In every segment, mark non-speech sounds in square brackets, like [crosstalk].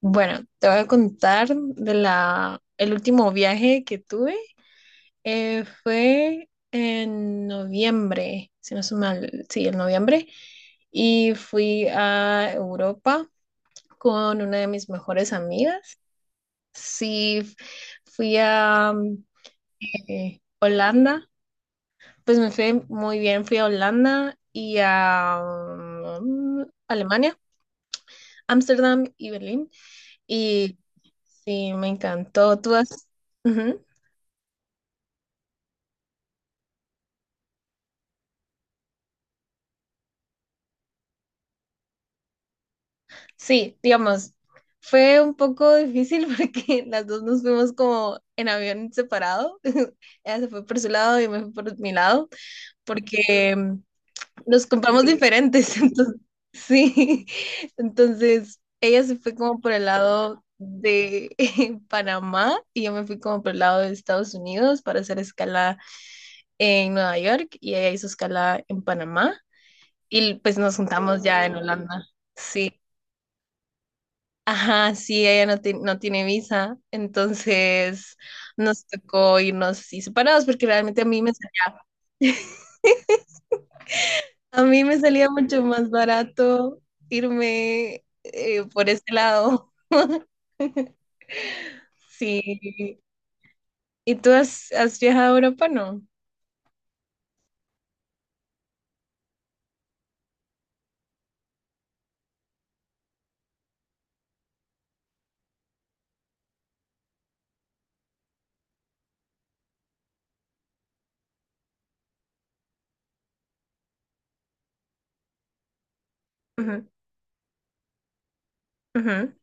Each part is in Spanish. Bueno, te voy a contar de la, el último viaje que tuve. Fue en noviembre, si no estoy mal, sí, en noviembre. Y fui a Europa con una de mis mejores amigas. Sí, fui a Holanda. Pues me fue muy bien. Fui a Holanda y a Alemania, Ámsterdam y Berlín. Y sí, me encantó. Tú has... Ujú. Sí, digamos, fue un poco difícil [laughs] porque las dos nos fuimos como en avión separado. [laughs] Ella se fue por su lado y me fui por mi lado porque nos compramos diferentes. [laughs] Entonces, sí, entonces ella se fue como por el lado de [laughs] Panamá y yo me fui como por el lado de Estados Unidos para hacer escala en Nueva York y ella hizo escala en Panamá. Y pues nos juntamos ya en Holanda. Sí. Ajá, sí, ella no, no tiene visa, entonces nos tocó irnos así separados porque realmente a mí me, a mí me salía mucho más barato irme por ese lado. [laughs] Sí. ¿Y tú has, has viajado a Europa? No. Ujú, ujú.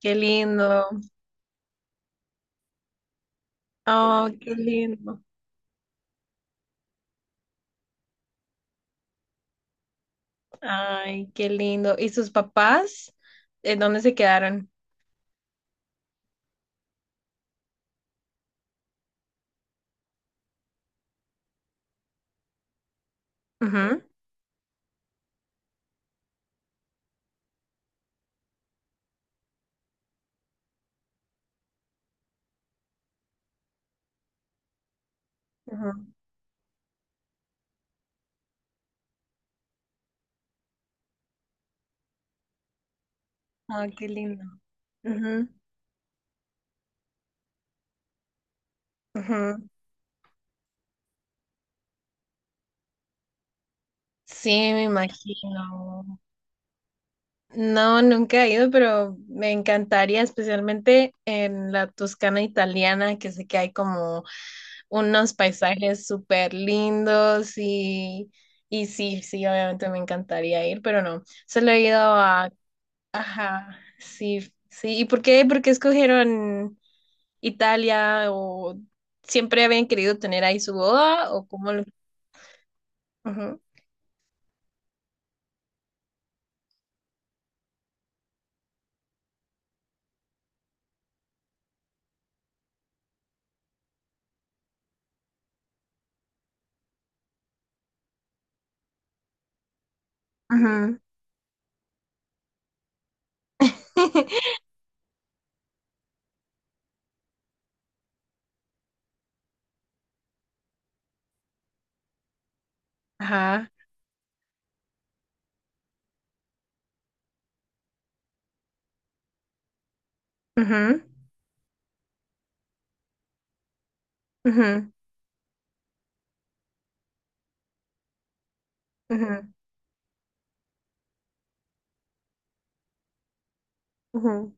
Qué lindo. Oh, qué lindo. Ay, qué lindo. ¿Y sus papás? ¿En dónde se quedaron? Ujú, ujú. Ah, qué lindo. Ujú, ujú. Sí, me imagino. No, nunca he ido, pero me encantaría, especialmente en la Toscana italiana, que sé que hay como unos paisajes súper lindos y sí, sí, obviamente me encantaría ir, pero no, solo he ido a... Ajá, sí, sí. ¿Y por qué? ¿Por qué escogieron Italia o siempre habían querido tener ahí su boda o cómo lo... Ujú. [laughs] Ajá. Ujú, ujú, ujú, ujú.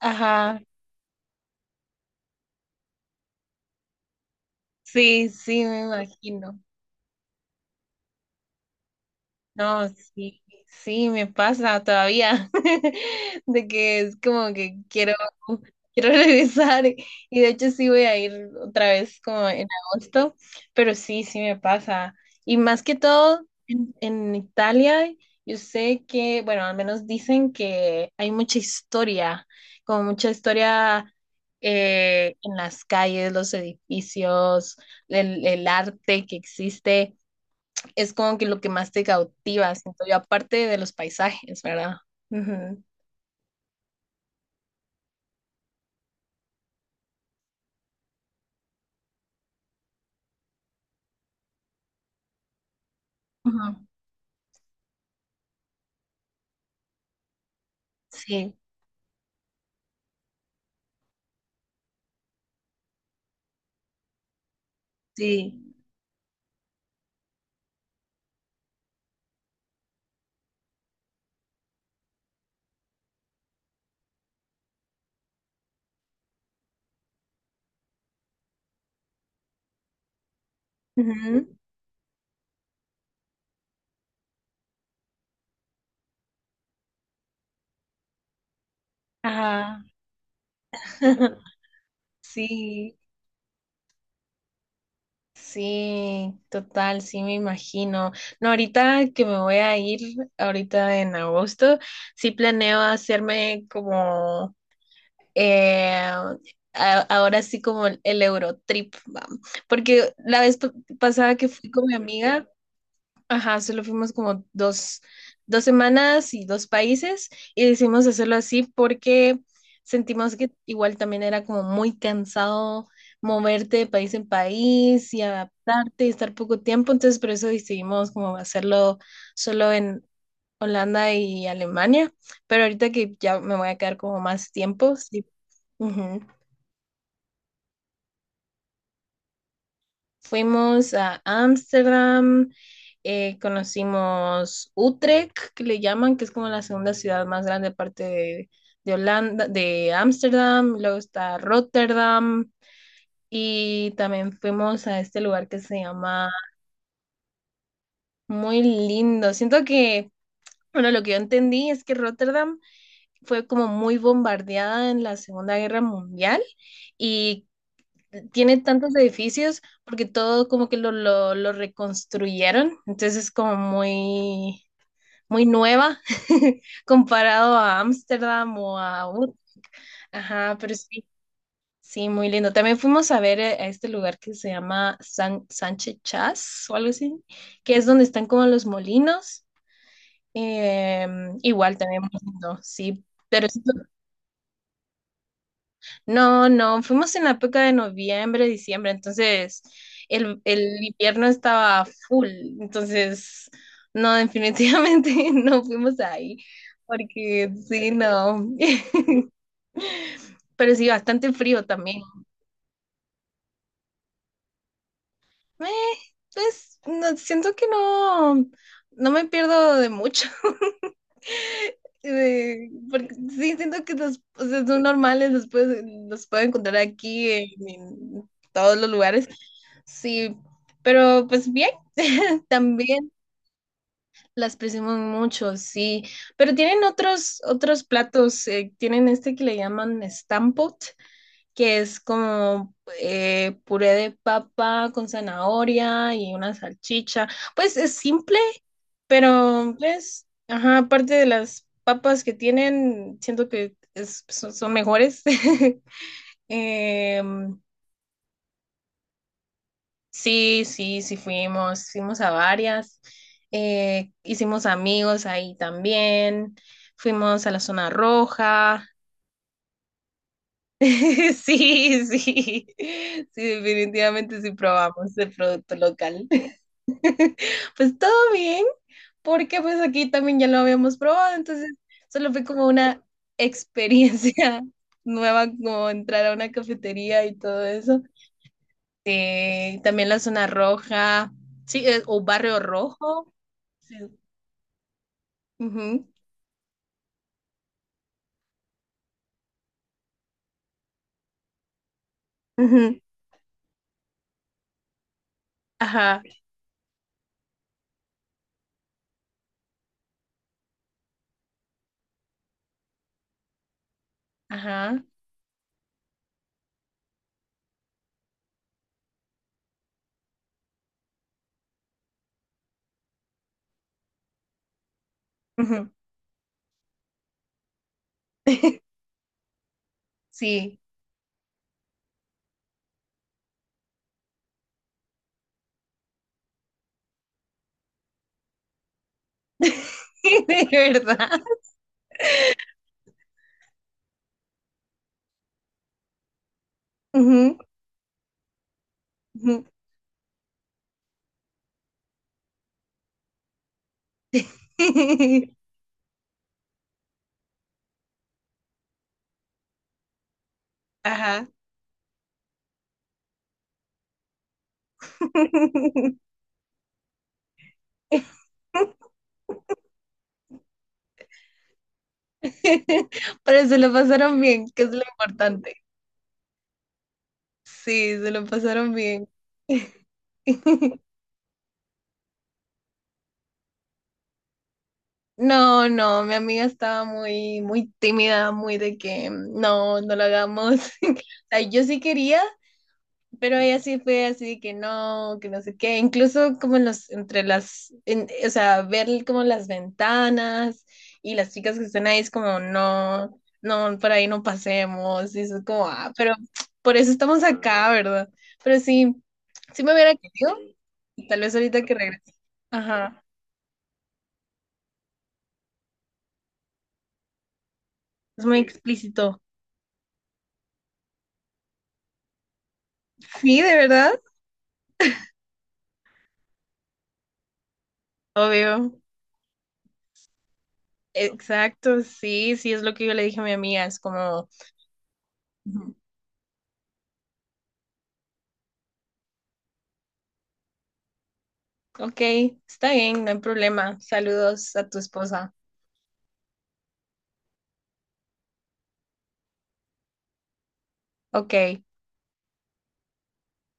Ajá. Sí, sí, me imagino. No, sí, sí, me pasa todavía, [laughs] de que es como que quiero, quiero [laughs] regresar y de hecho sí voy a ir otra vez como en agosto, pero sí, sí me pasa. Y más que todo, en Italia, yo sé que, bueno, al menos dicen que hay mucha historia, como mucha historia en las calles, los edificios, el arte que existe es como que lo que más te cautiva, siento yo, aparte de los paisajes, ¿verdad? Ujú. Ujú. Sí, sí. Ujú. Ajá. [laughs] Sí, sí, total, sí me imagino. No, ahorita que me voy a ir, ahorita en agosto, sí planeo hacerme como, eh, ahora sí como el Eurotrip, va. Porque la vez pasada que fui con mi amiga, ajá, solo fuimos como dos, dos semanas y dos países y decidimos hacerlo así porque sentimos que igual también era como muy cansado moverte de país en país y adaptarte y estar poco tiempo, entonces por eso decidimos como hacerlo solo en Holanda y Alemania, pero ahorita que ya me voy a quedar como más tiempo, sí. Fuimos a Ámsterdam, conocimos Utrecht, que le llaman, que es como la segunda ciudad más grande aparte de Holanda, de Ámsterdam, luego está Rotterdam y también fuimos a este lugar que se llama muy lindo. Siento que, bueno, lo que yo entendí es que Rotterdam fue como muy bombardeada en la Segunda Guerra Mundial y tiene tantos edificios porque todo como que lo reconstruyeron, entonces es como muy, muy nueva [laughs] comparado a Ámsterdam o a... Ut- Ajá, pero sí, sí, muy lindo. También fuimos a ver a este lugar que se llama San, Sánchez Chas o algo así, que es donde están como los molinos. Igual también muy lindo, sí, pero sí no, no, fuimos en la época de noviembre, diciembre, entonces el invierno estaba full, entonces no, definitivamente [laughs] no fuimos ahí, porque sí, no, [laughs] pero sí, bastante frío también. Eh, pues no, siento que no, no me pierdo de mucho. Porque sí, siento que los, o sea, son normales, los los puedo encontrar aquí en todos los lugares. Sí, pero pues bien, [laughs] también las presumen mucho, sí. Pero tienen otros, otros platos, tienen este que le llaman stampot, que es como puré de papa con zanahoria y una salchicha. Pues es simple pero, pues, ajá, aparte de las papas que tienen, siento que son, son mejores. [laughs] Em, sí, sí, sí fuimos, fuimos a varias. Hicimos amigos ahí también. Fuimos a la zona roja. [laughs] Sí, sí, sí, definitivamente sí probamos el producto local. [laughs] Pues todo bien, porque pues aquí también ya lo habíamos probado, entonces solo fue como una experiencia [laughs] nueva, como entrar a una cafetería y todo eso. También la zona roja, sí, o barrio rojo. Sí. Ujú, ujú, ajá, ajá. Ujú. [laughs] Sí, [laughs] de verdad. Ujú, ujú. [laughs] Ajá. [laughs] [laughs] Pero se lo pasaron bien, que es lo importante. Sí, se lo pasaron bien. [laughs] No, no, mi amiga estaba muy, muy tímida, muy de que no, no lo hagamos. [laughs] O sea, yo sí quería, pero ella sí fue así que no sé qué, incluso como en los, entre las, o sea, ver como las ventanas y las chicas que están ahí es como, no, no, por ahí no pasemos, y eso es como, ah, pero por eso estamos acá, ¿verdad? Pero sí, sí me hubiera querido, y tal vez ahorita que regrese, ajá, es muy explícito. Sí, de verdad, obvio. Exacto, sí, sí, es lo que yo le dije a mi amiga, es como, ok, está bien, no hay problema. Saludos a tu esposa. Ok,